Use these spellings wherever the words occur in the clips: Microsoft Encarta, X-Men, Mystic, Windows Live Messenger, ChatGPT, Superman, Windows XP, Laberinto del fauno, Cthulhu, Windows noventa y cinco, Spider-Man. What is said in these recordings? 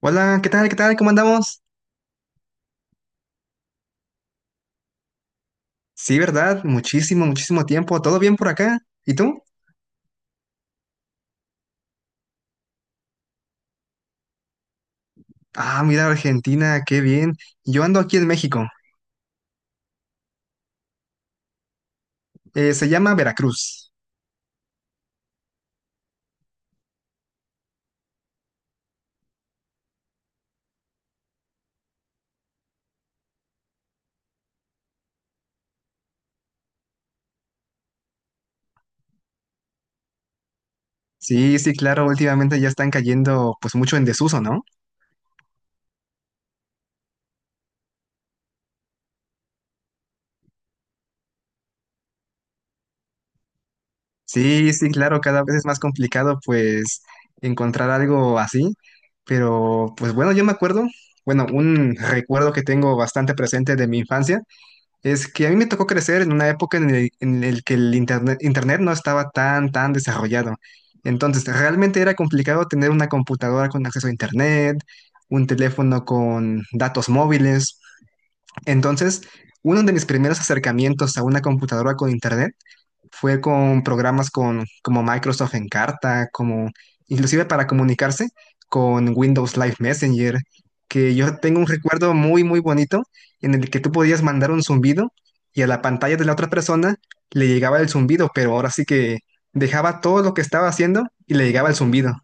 Hola, ¿qué tal? ¿Qué tal? ¿Cómo andamos? Sí, ¿verdad? Muchísimo, muchísimo tiempo. ¿Todo bien por acá? ¿Y tú? Ah, mira, Argentina, qué bien. Yo ando aquí en México. Se llama Veracruz. Sí, sí, claro, últimamente ya están cayendo pues mucho en desuso, ¿no? Sí, sí, claro, cada vez es más complicado pues encontrar algo así. Pero pues bueno, yo me acuerdo, bueno, un recuerdo que tengo bastante presente de mi infancia. Es que a mí me tocó crecer en una época en el que el internet no estaba tan desarrollado. Entonces, realmente era complicado tener una computadora con acceso a internet, un teléfono con datos móviles. Entonces, uno de mis primeros acercamientos a una computadora con internet fue con programas como Microsoft Encarta, como inclusive para comunicarse con Windows Live Messenger, que yo tengo un recuerdo muy, muy bonito en el que tú podías mandar un zumbido y a la pantalla de la otra persona le llegaba el zumbido, pero ahora sí que dejaba todo lo que estaba haciendo y le llegaba el zumbido.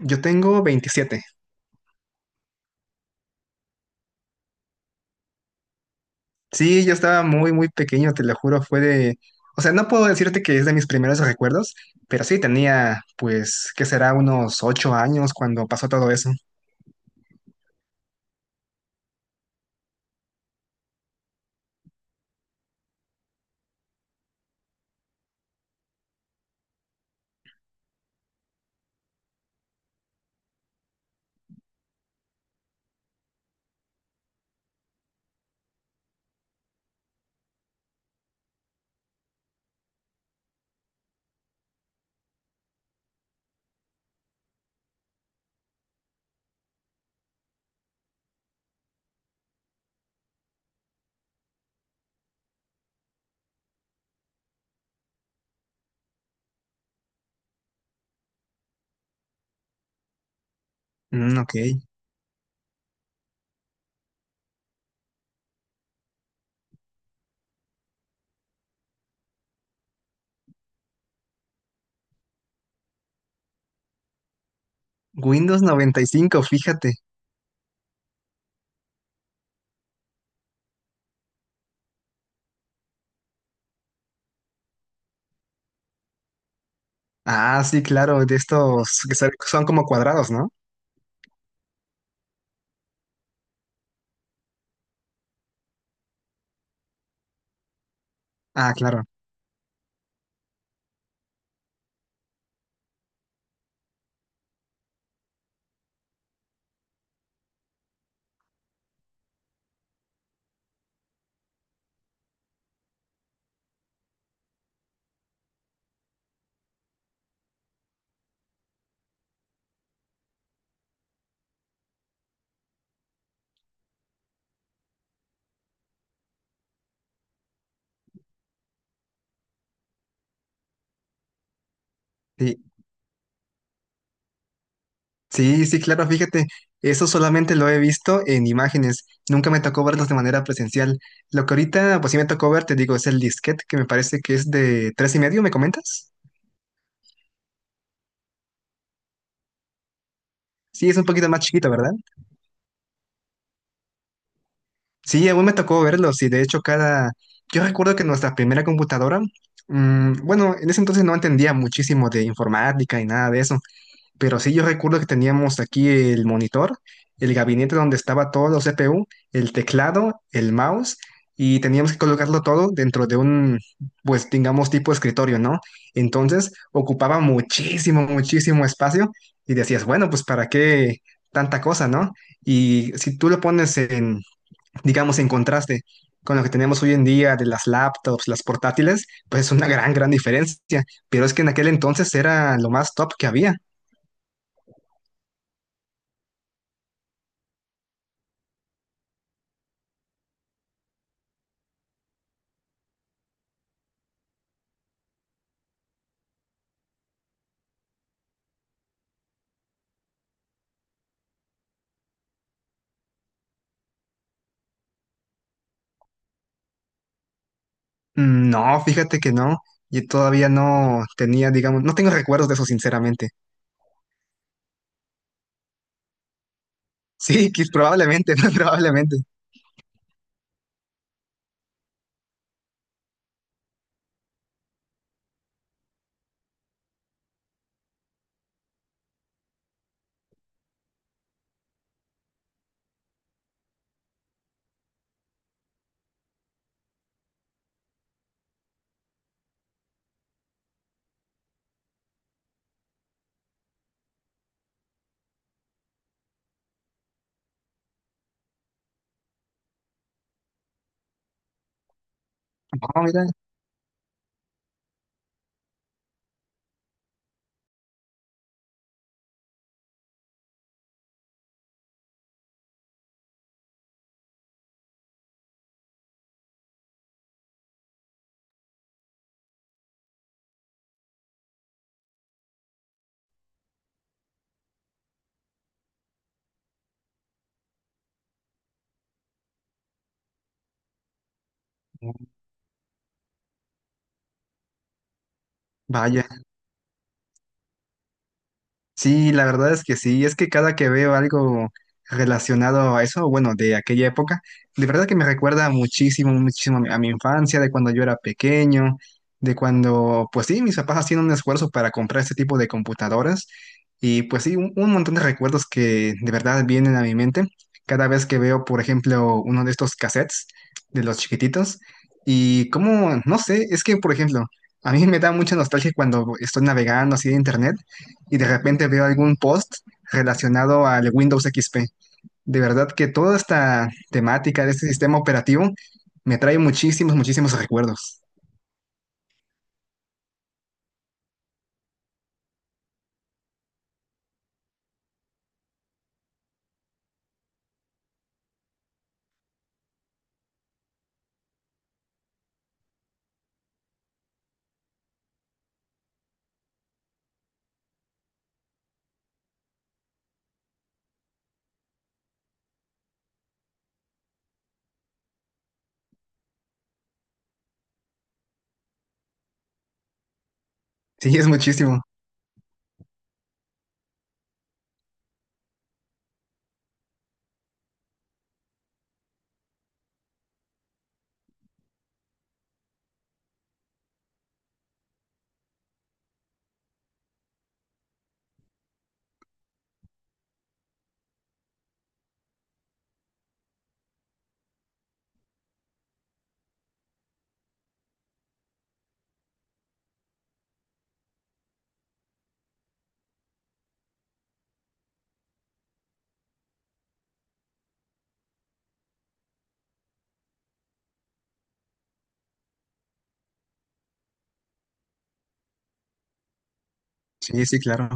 Yo tengo 27. Sí, yo estaba muy, muy pequeño, te lo juro, fue de... O sea, no puedo decirte que es de mis primeros recuerdos, pero sí tenía, pues, que será unos 8 años cuando pasó todo eso. Mm, ok. Windows 95, fíjate. Ah, sí, claro, de estos que son como cuadrados, ¿no? Ah, claro. Sí, sí, sí, claro, fíjate. Eso solamente lo he visto en imágenes. Nunca me tocó verlos de manera presencial. Lo que ahorita, pues sí me tocó ver, te digo, es el disquete, que me parece que es de tres y medio, ¿me comentas? Sí, es un poquito más chiquito, ¿verdad? Sí, aún me tocó verlo. Sí, de hecho, cada. Yo recuerdo que nuestra primera computadora, bueno, en ese entonces no entendía muchísimo de informática y nada de eso. Pero sí, yo recuerdo que teníamos aquí el monitor, el gabinete donde estaba todo los CPU, el teclado, el mouse, y teníamos que colocarlo todo dentro de un, pues digamos, tipo escritorio, ¿no? Entonces ocupaba muchísimo, muchísimo espacio y decías, bueno, pues ¿para qué tanta cosa, no? Y si tú lo pones en, digamos, en contraste con lo que tenemos hoy en día de las laptops, las portátiles, pues es una gran, gran diferencia. Pero es que en aquel entonces era lo más top que había. Mm, no, fíjate que no. Y todavía no tenía, digamos, no tengo recuerdos de eso, sinceramente. Sí, que probablemente, probablemente. No, mira, vaya. Sí, la verdad es que sí, es que cada que veo algo relacionado a eso, bueno, de aquella época, de verdad que me recuerda muchísimo, muchísimo a mi infancia, de cuando yo era pequeño, de cuando, pues sí, mis papás hacían un esfuerzo para comprar este tipo de computadoras y pues sí, un montón de recuerdos que de verdad vienen a mi mente cada vez que veo, por ejemplo, uno de estos cassettes de los chiquititos y como, no sé, es que, por ejemplo, a mí me da mucha nostalgia cuando estoy navegando así de internet y de repente veo algún post relacionado al Windows XP. De verdad que toda esta temática de este sistema operativo me trae muchísimos, muchísimos recuerdos. Sí, es muchísimo. Sí, sí, claro.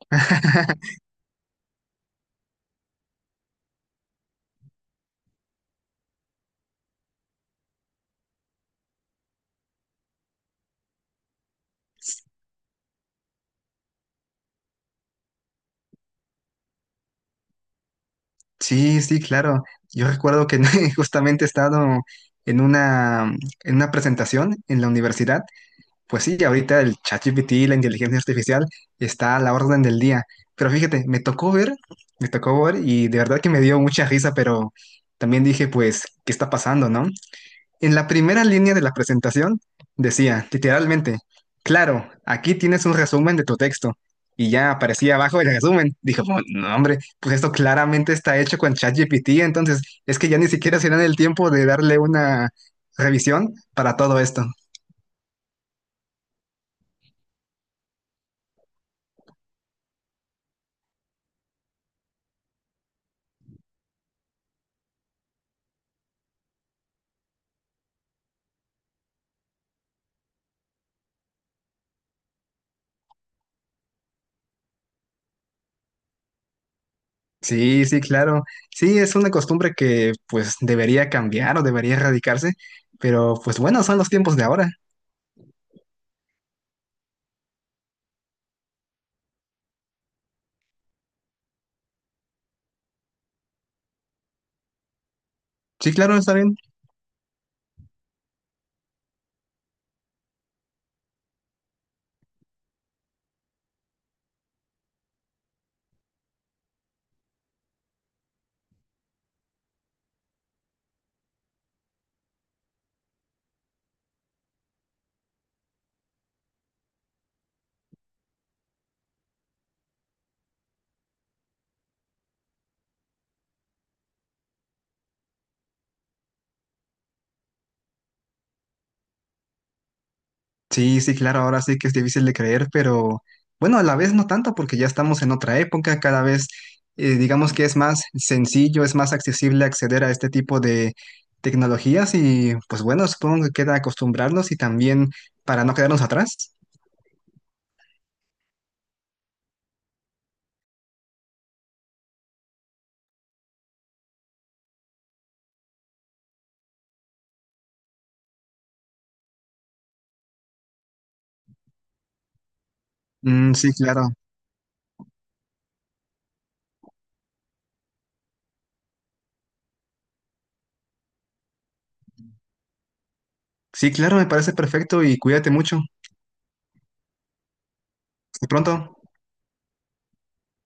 Sí, sí, claro. Yo recuerdo que justamente he estado en una presentación en la universidad. Pues sí, ahorita el ChatGPT, la inteligencia artificial, está a la orden del día. Pero fíjate, me tocó ver y de verdad que me dio mucha risa, pero también dije, pues, ¿qué está pasando, no? En la primera línea de la presentación decía, literalmente, claro, aquí tienes un resumen de tu texto. Y ya aparecía abajo el resumen. Dijo: "Pues, no, hombre, pues esto claramente está hecho con ChatGPT, entonces es que ya ni siquiera se dan el tiempo de darle una revisión para todo esto". Sí, sí, claro. Sí, es una costumbre que pues debería cambiar o debería erradicarse, pero pues bueno, son los tiempos de ahora. Sí, claro, está bien. Sí, sí, claro, ahora sí que es difícil de creer, pero bueno, a la vez no tanto porque ya estamos en otra época, cada vez digamos que es más sencillo, es más accesible acceder a este tipo de tecnologías y pues bueno, supongo que queda acostumbrarnos y también para no quedarnos atrás. Mm, sí, claro. Sí, claro, me parece perfecto y cuídate mucho. Hasta pronto.